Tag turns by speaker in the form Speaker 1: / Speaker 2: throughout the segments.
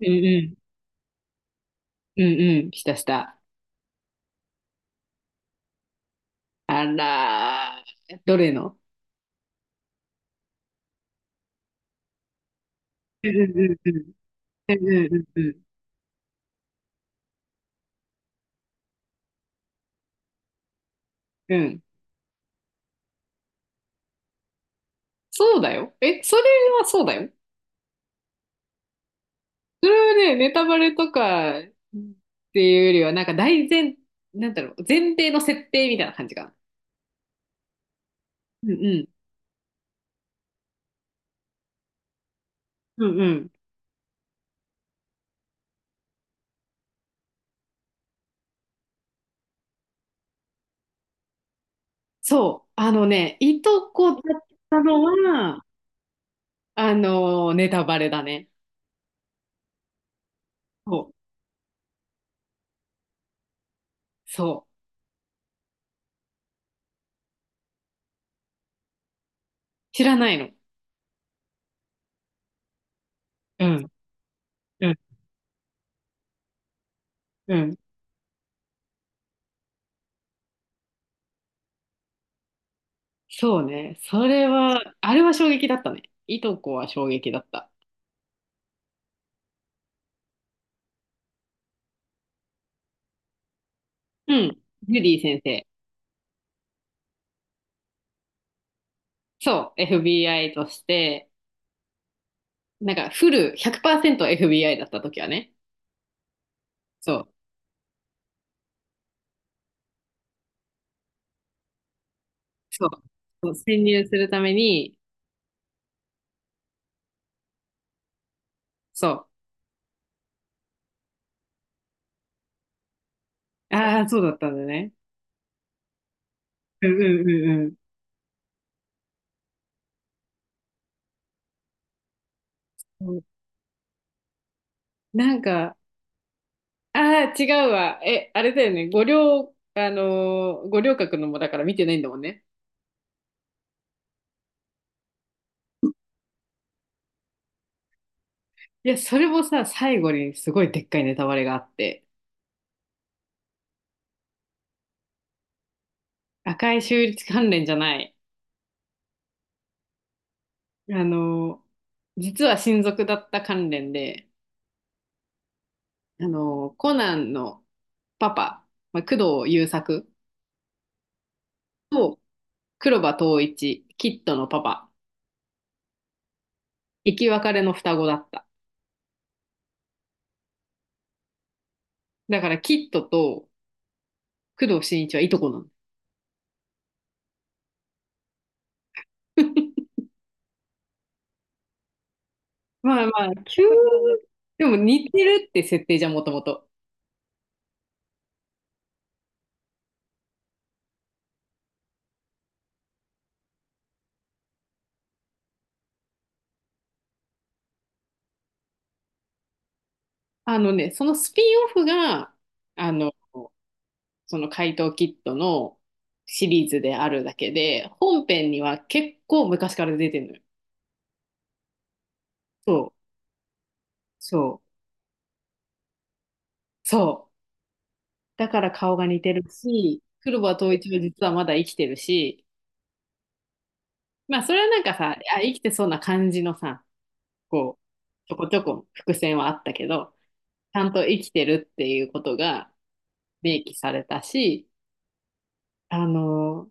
Speaker 1: うんうん。うんうん。したした。あらー、どれの？うんうんうんうん。うんうんうんうん。そうだよ。え、それはそうだよ。それはね、ネタバレとかっていうよりは、なんか大前、なんだろう、前提の設定みたいな感じが。うんうん。うんうん。そう。あのね、いとこだったのは、ネタバレだね。そう。そう。知らないの。うん。うん。うん。そうね。それは、あれは衝撃だったね。いとこは衝撃だった。うん。ジュディ先生。そう。FBI として、なんかフル 100%FBI だった時はね。そう。そう。そう潜入するために、そう。ああ、そうだったんだね。うんうんうんうん。うん、なんか、ああ、違うわ。え、あれだよね。五稜、五稜郭のもだから見てないんだもんね。いや、それもさ、最後にすごいでっかいネタバレがあって。赤い州立関連じゃない。あの、実は親族だった関連で、あの、コナンのパパ、まあ、工藤優作と黒羽統一、キッドのパパ、生き別れの双子だった。だからキッドと工藤新一はいとこなの。まあまあ、急にでも似てるって設定じゃん、もともと。あのね、そのスピンオフが、あの、その怪盗キットのシリーズであるだけで、本編には結構昔から出てるのよ。そう、そう、そう。だから顔が似てるし、黒羽統一は実はまだ生きてるし、まあそれはなんかさ、あ、生きてそうな感じのさ、こう、ちょこちょこ伏線はあったけど、ちゃんと生きてるっていうことが明記されたし、あのー、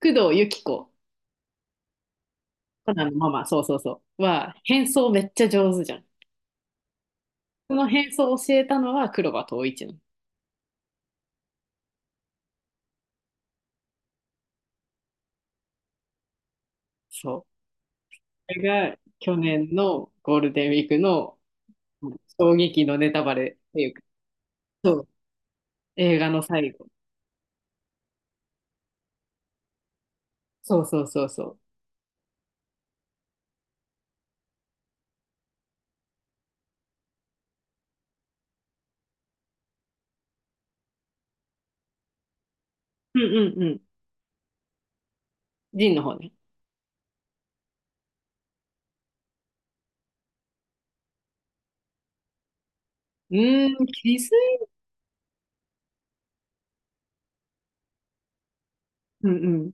Speaker 1: 工藤由紀子、コナンのママ、そうそうそう、は変装めっちゃ上手じゃん。その変装を教えたのは黒羽統一なの。そう。これが去年のゴールデンウィークの衝撃のネタバレっていうか、そう、映画の最後。そうそうそうそう。うんうんうん。ジンの方ね。うーん、気づい、うんうん。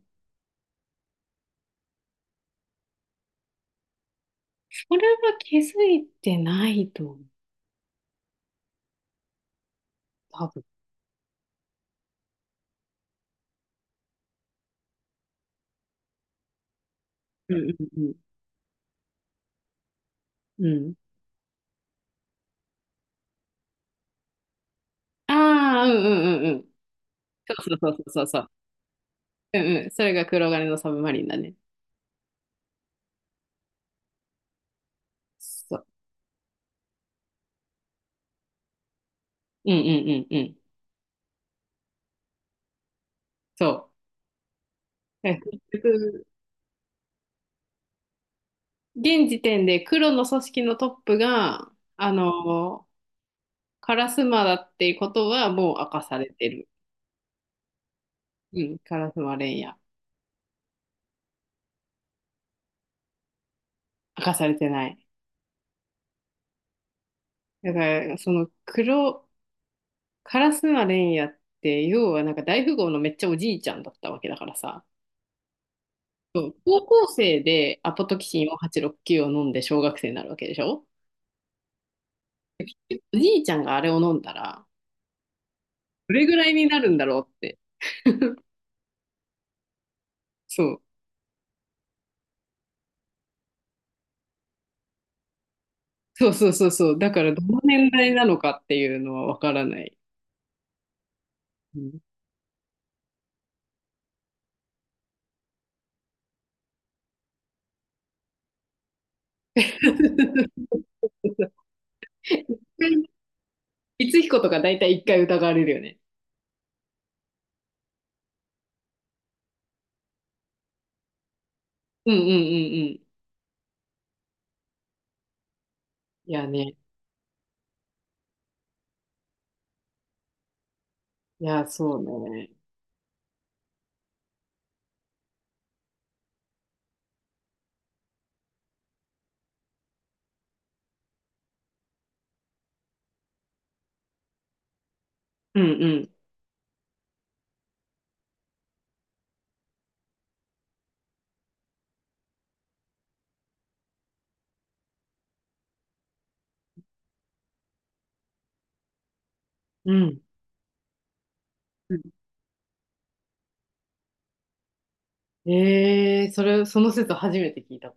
Speaker 1: それは気づいてないと思う。多分。うんうんうん。うん。ああ、うんうんうんうん。そうそうそうそうそう。うんうん。それが黒金のサブマリンだね。そう。うんうんうんうん。そう。え、結局現時点で黒の組織のトップが、あの、カラスマだっていうことはもう明かされてる。うん、カラスマレンヤ。明かされてない。だから、その黒、カラスマレンヤって、要はなんか大富豪のめっちゃおじいちゃんだったわけだからさ。そう、高校生でアポトキシンを869を飲んで小学生になるわけでしょ。おじいちゃんがあれを飲んだら、どれぐらいになるんだろうって。そう。そうそうそうそう。だから、どの年代なのかっていうのはわからない。うん。 いつひことか大体一回疑われるよね。うんうんうんうん。いやね。いや、そうね。うんうん。うん。うん、ええ、それ、その説初めて聞いた。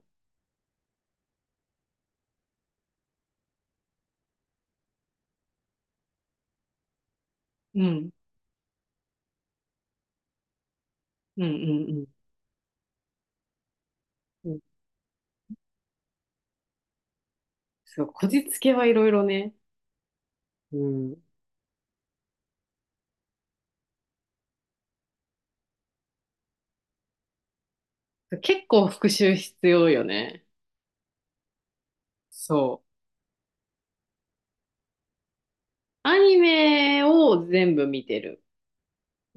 Speaker 1: うん。うんうんうん。うん、そう、こじつけはいろいろね。うん。結構復習必要よね。そう。アニメを全部見てる。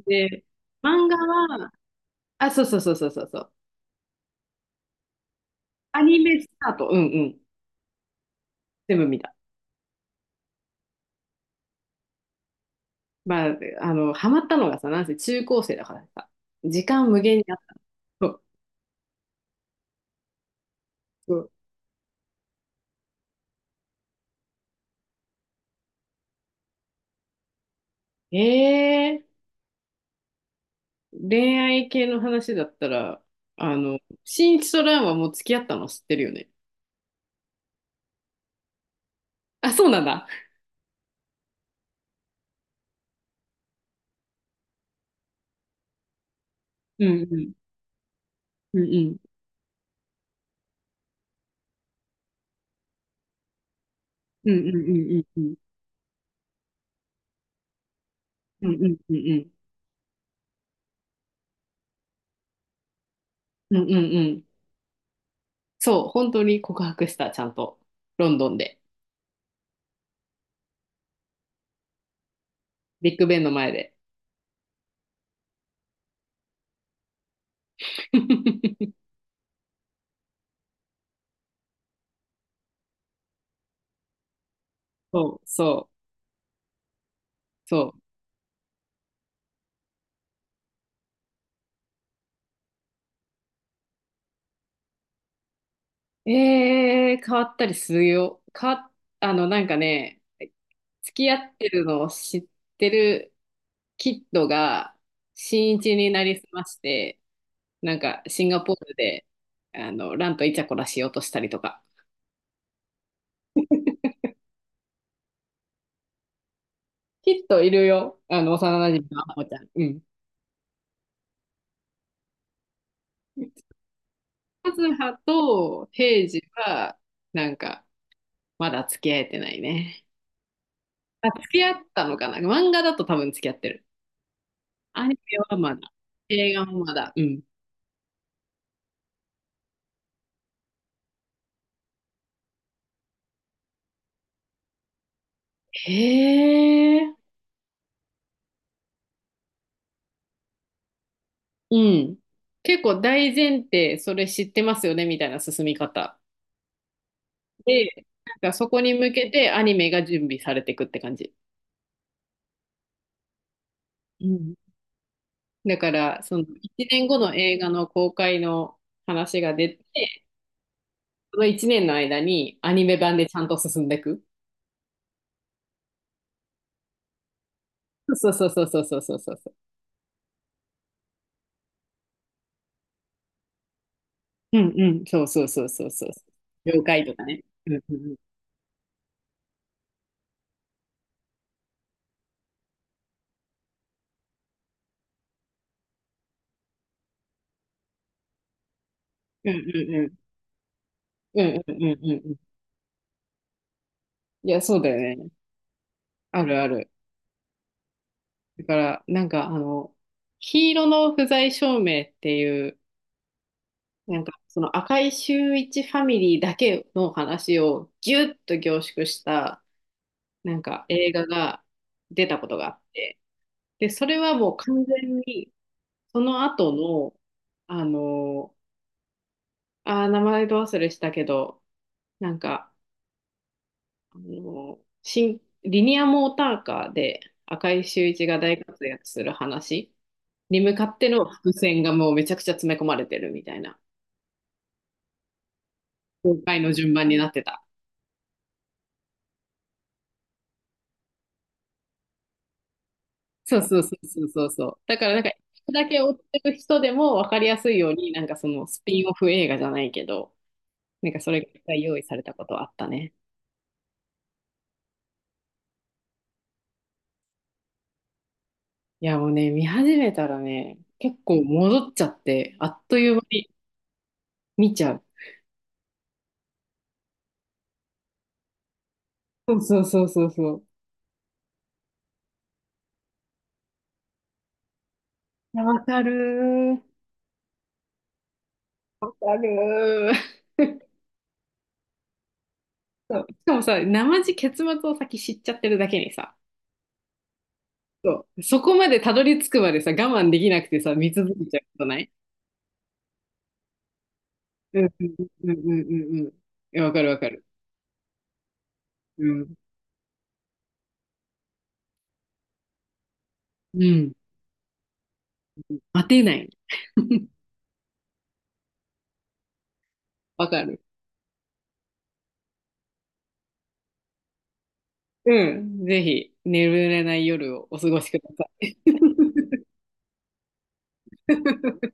Speaker 1: で、漫画は、あ、そうそうそうそうそうそう。アニメスタート。うんうん。全部見た。まあ、あの、ハマったのがさ、なんせ中高生だからさ、時間無限にあった。そうそう。えー、恋愛系の話だったら、あの、新一と蘭はもう付き合ったの知ってるよね。あ、そうなんだ。うんうんうんうんうんうんうんうんうんうんうんうんうんうん、そう、本当に告白した、ちゃんと。ロンドンで。ビッグベンの前で。そうそうそう。ええ、変わったりするよ。変わっ、あの、なんかね、付き合ってるのを知ってるキッドが、新一になりすまして、なんか、シンガポールで、あの、ランとイチャコラしようとしたりとか。キッドいるよ。あの、幼馴染のアホちゃん。うん。カズハとヘイジは、なんか、まだ付き合えてないね。あ、付き合ったのかな、漫画だと多分付き合ってる。アニメはまだ。映画もまだ。うん。へえ。うん。結構大前提、それ知ってますよね、みたいな進み方。で、なんかそこに向けてアニメが準備されていくって感じ。うん。だから、その1年後の映画の公開の話が出て、その1年の間にアニメ版でちゃんと進んでいく。そうそうそうそうそうそうそうそう。うんうん。そうそうそうそうそう、了解とかね。うんうんうん。うんうんうん。うんうんうんうん。いや、そうだよね。あるある。だから、なんかあの、黄色の不在証明っていう、なんかその赤井秀一ファミリーだけの話をギュッと凝縮した、なんか映画が出たことがあって、で、それはもう完全に、その後の、あの、あー、名前ど忘れしたけど、なんか、あの、新、リニアモーターカーで赤井秀一が大活躍する話に向かっての伏線がもうめちゃくちゃ詰め込まれてるみたいな、公開の順番になってた。そうそうそうそうそうそう。だからなんか、だけ追ってる人でも分かりやすいように、なんかそのスピンオフ映画じゃないけど、なんかそれが用意されたことはあったね。いやもうね、見始めたらね、結構戻っちゃって、あっという間に見ちゃう。そうそうそうそうそう。いや、わかるー。わかるー。そう、しかもさ、生地結末を先知っちゃってるだけにさ、そう、そこまでたどり着くまでさ、我慢できなくてさ、見続けちゃうことない？うんうんうんうんうんうん。いや、わかるわかる。うん。うん。待てない。わかる。うん。ぜひ、眠れない夜をお過ごしください。